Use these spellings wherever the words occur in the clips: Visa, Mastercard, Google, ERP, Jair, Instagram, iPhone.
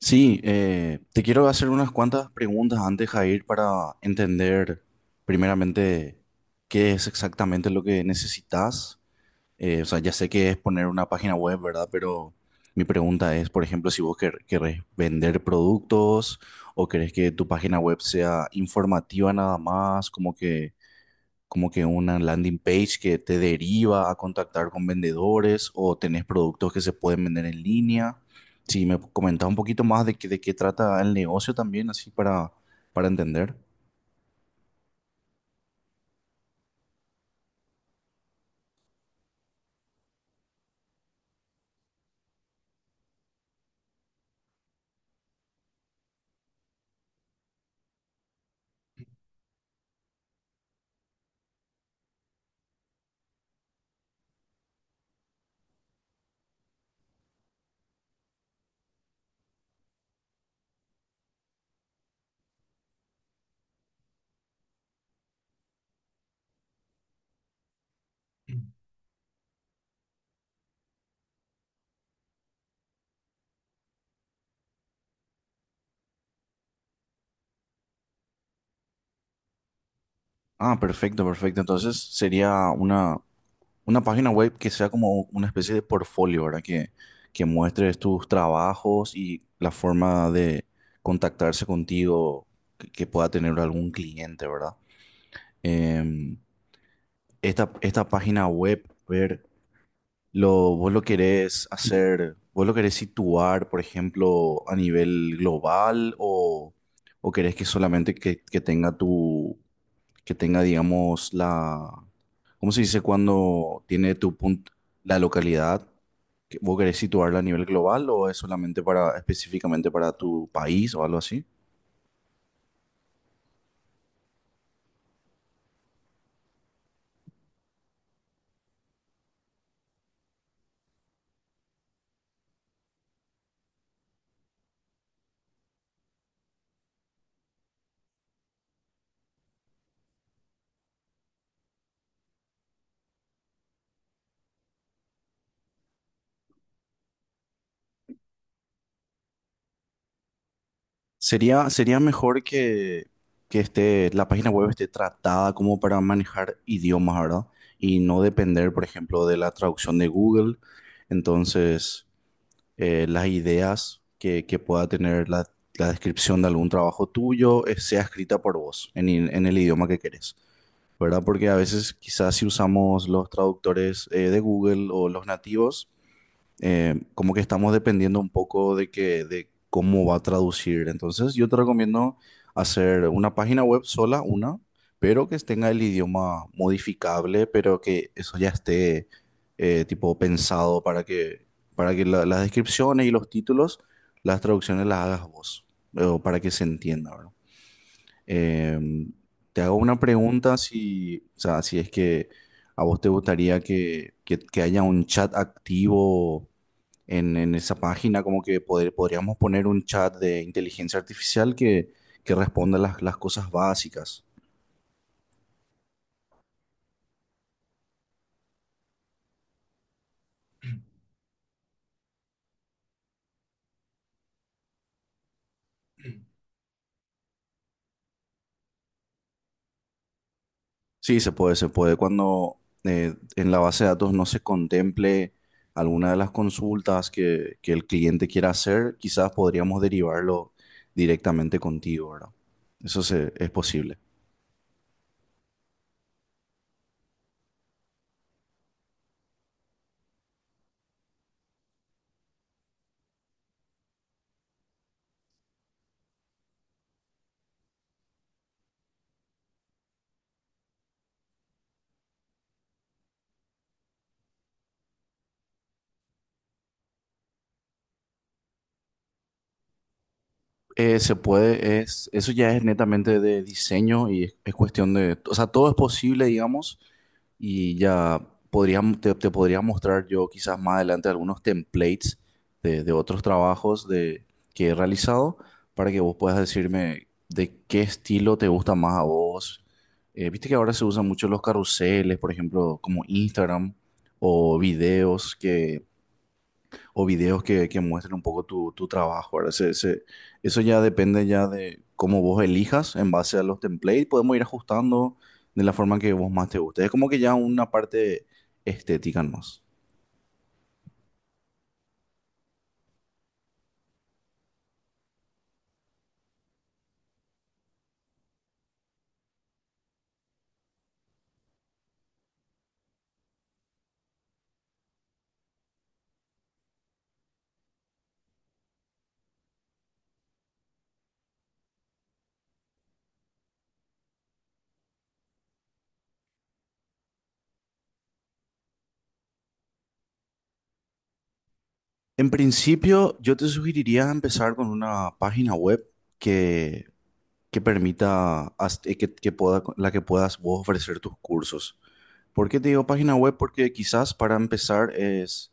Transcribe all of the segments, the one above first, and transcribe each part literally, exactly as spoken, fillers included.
Sí, eh, te quiero hacer unas cuantas preguntas antes, Jair, para entender primeramente qué es exactamente lo que necesitas. Eh, o sea, ya sé que es poner una página web, ¿verdad? Pero mi pregunta es, por ejemplo, si vos quer- querés vender productos o querés que tu página web sea informativa nada más, como que como que una landing page que te deriva a contactar con vendedores o tenés productos que se pueden vender en línea. Si me comentás un poquito más de qué, de qué trata el negocio también, así para, para entender. Ah, perfecto, perfecto. Entonces sería una, una página web que sea como una especie de portfolio, ¿verdad? Que, que muestres tus trabajos y la forma de contactarse contigo que, que pueda tener algún cliente, ¿verdad? Em, esta, esta página web, ver, lo, vos lo querés hacer, vos lo querés situar, por ejemplo, a nivel global, o, o querés que solamente que, que tenga tu, que tenga, digamos, la, ¿cómo se dice cuando tiene tu punto, la localidad? ¿Que ¿Vos querés situarla a nivel global o es solamente para, específicamente para tu país o algo así? Sería, sería mejor que, que esté, la página web esté tratada como para manejar idiomas, ¿verdad? Y no depender, por ejemplo, de la traducción de Google. Entonces, eh, las ideas que, que pueda tener la, la descripción de algún trabajo tuyo eh, sea escrita por vos en, i- en el idioma que querés, ¿verdad? Porque a veces quizás si usamos los traductores eh, de Google o los nativos, eh, como que estamos dependiendo un poco de que, de cómo va a traducir. Entonces, yo te recomiendo hacer una página web sola, una, pero que tenga el idioma modificable, pero que eso ya esté eh, tipo pensado para que, para que la- las descripciones y los títulos, las traducciones las hagas vos, o para que se entienda, ¿verdad? Em, te hago una pregunta si, o sea, si es que a vos te gustaría que, que, que haya un chat activo en, en esa página, como que poder, podríamos poner un chat de inteligencia artificial que, que responda las, las cosas básicas. Sí, se puede, se puede. Cuando eh, en la base de datos no se contemple alguna de las consultas que, que el cliente quiera hacer, quizás podríamos derivarlo directamente contigo, ¿verdad? Eso se- es posible. Eh, se puede, es, eso ya es netamente de diseño y es, es cuestión de, o sea, todo es posible, digamos, y ya podría- te, te podría mostrar yo quizás más adelante algunos templates de, de otros trabajos de, que he realizado para que vos puedas decirme de qué estilo te gusta más a vos. Eh, viste que ahora se usan mucho los carruseles, por ejemplo, como Instagram o videos que o videos que, que muestren un poco tu, tu trabajo, ¿verdad? Se- se- eso ya depende ya de cómo vos elijas en base a los templates. Podemos ir ajustando de la forma que vos más te guste. Es como que ya una parte estética más. En principio, yo te sugeriría empezar con una página web que, que permita, as- eh, que, que pueda, la que puedas vos ofrecer tus cursos. ¿Por qué te digo página web? Porque quizás para empezar es,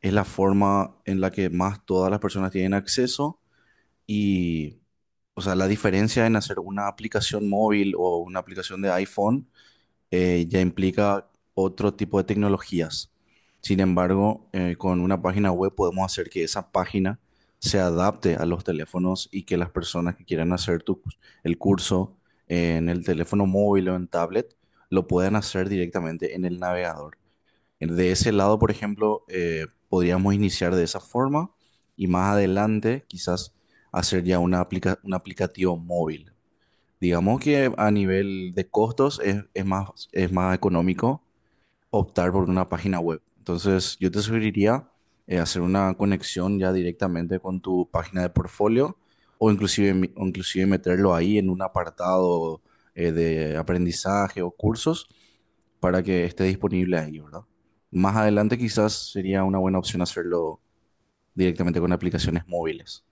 es la forma en la que más todas las personas tienen acceso. Y, o sea, la diferencia en hacer una aplicación móvil o una aplicación de iPhone eh, ya implica otro tipo de tecnologías. Sin embargo, eh, con una página web podemos hacer que esa página se adapte a los teléfonos y que las personas que quieran hacer tu- el curso en el teléfono móvil o en tablet lo puedan hacer directamente en el navegador. De ese lado, por ejemplo, eh, podríamos iniciar de esa forma y más adelante quizás hacer ya una aplica- un aplicativo móvil. Digamos que a nivel de costos es, es más, es más económico optar por una página web. Entonces, yo te sugeriría eh, hacer una conexión ya directamente con tu página de portfolio o inclusive, mi- o inclusive meterlo ahí en un apartado eh, de aprendizaje o cursos para que esté disponible ahí, ¿verdad? Más adelante quizás sería una buena opción hacerlo directamente con aplicaciones móviles.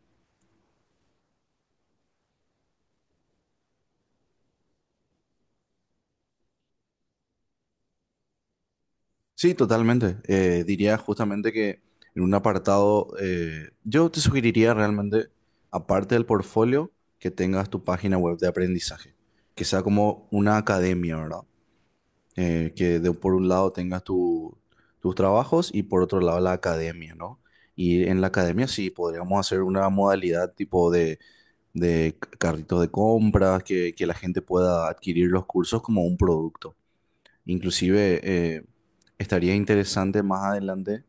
Sí, totalmente. Eh, diría justamente que en un apartado, eh, yo te sugeriría realmente, aparte del portfolio, que tengas tu página web de aprendizaje, que sea como una academia, ¿verdad? Eh, que de, por un lado tengas tu- tus trabajos y por otro lado la academia, ¿no? Y en la academia sí, podríamos hacer una modalidad tipo de, de c- carritos de compras, que, que la gente pueda adquirir los cursos como un producto. Inclusive eh, estaría interesante más adelante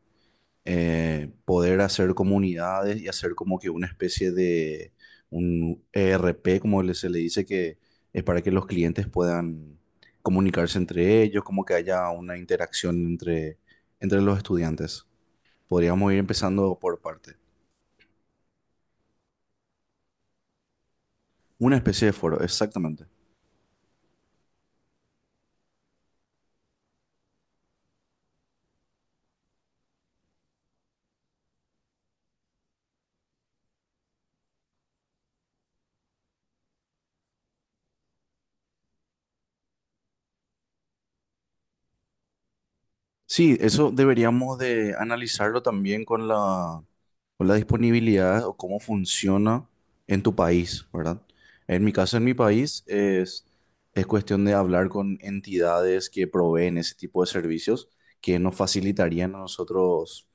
eh, poder hacer comunidades y hacer como que una especie de un E R P, como le- se le dice, que es para que los clientes puedan comunicarse entre ellos, como que haya una interacción entre, entre los estudiantes. Podríamos ir empezando por parte. Una especie de foro, exactamente. Sí, eso deberíamos de analizarlo también con la, con la disponibilidad o cómo funciona en tu país, ¿verdad? En mi caso, en mi país, es, es cuestión de hablar con entidades que proveen ese tipo de servicios que nos facilitarían a nosotros,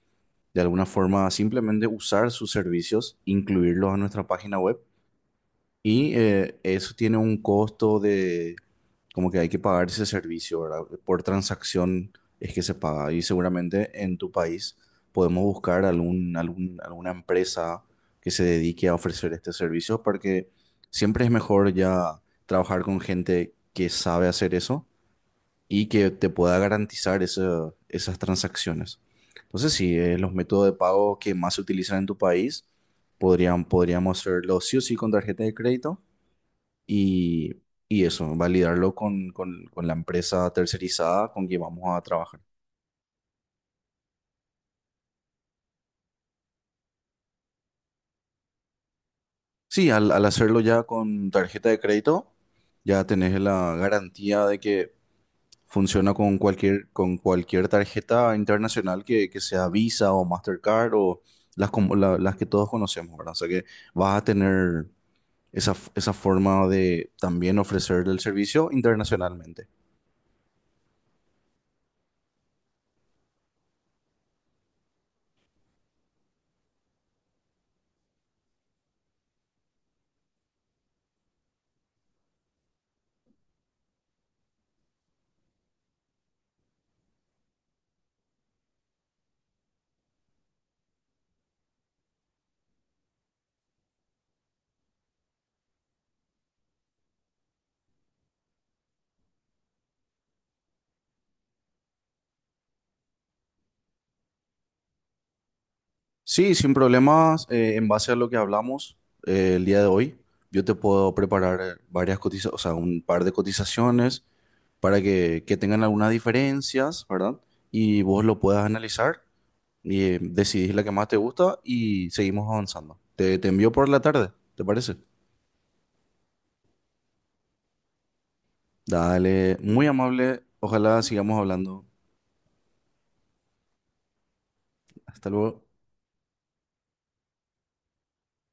de alguna forma, simplemente usar sus servicios, incluirlos en nuestra página web y eh, eso tiene un costo de, como que hay que pagar ese servicio, ¿verdad? Por transacción es que se paga. Y seguramente en tu país podemos buscar algún, algún, alguna empresa que se dedique a ofrecer este servicio, porque siempre es mejor ya trabajar con gente que sabe hacer eso y que te pueda garantizar esa- esas transacciones. Entonces, sí, eh, los métodos de pago que más se utilizan en tu país podrían, podríamos hacerlo sí o sí con tarjeta de crédito y, y eso, validarlo con, con- con la empresa tercerizada con que vamos a trabajar. Sí, al, al hacerlo ya con tarjeta de crédito, ya tenés la garantía de que funciona con cualquier, con cualquier tarjeta internacional que, que sea Visa o Mastercard o las, como- la- las que todos conocemos, ¿verdad? O sea que vas a tener esa, f- esa forma de también ofrecer el servicio internacionalmente. Sí, sin problemas, eh, en base a lo que hablamos eh, el día de hoy, yo te puedo preparar eh, varias cotizaciones, o sea, un par de cotizaciones para que, que tengan algunas diferencias, ¿verdad? Y vos lo puedas analizar y eh, decidís la que más te gusta y seguimos avanzando. Te, te envío por la tarde, ¿te parece? Dale, muy amable, ojalá sigamos hablando. Hasta luego.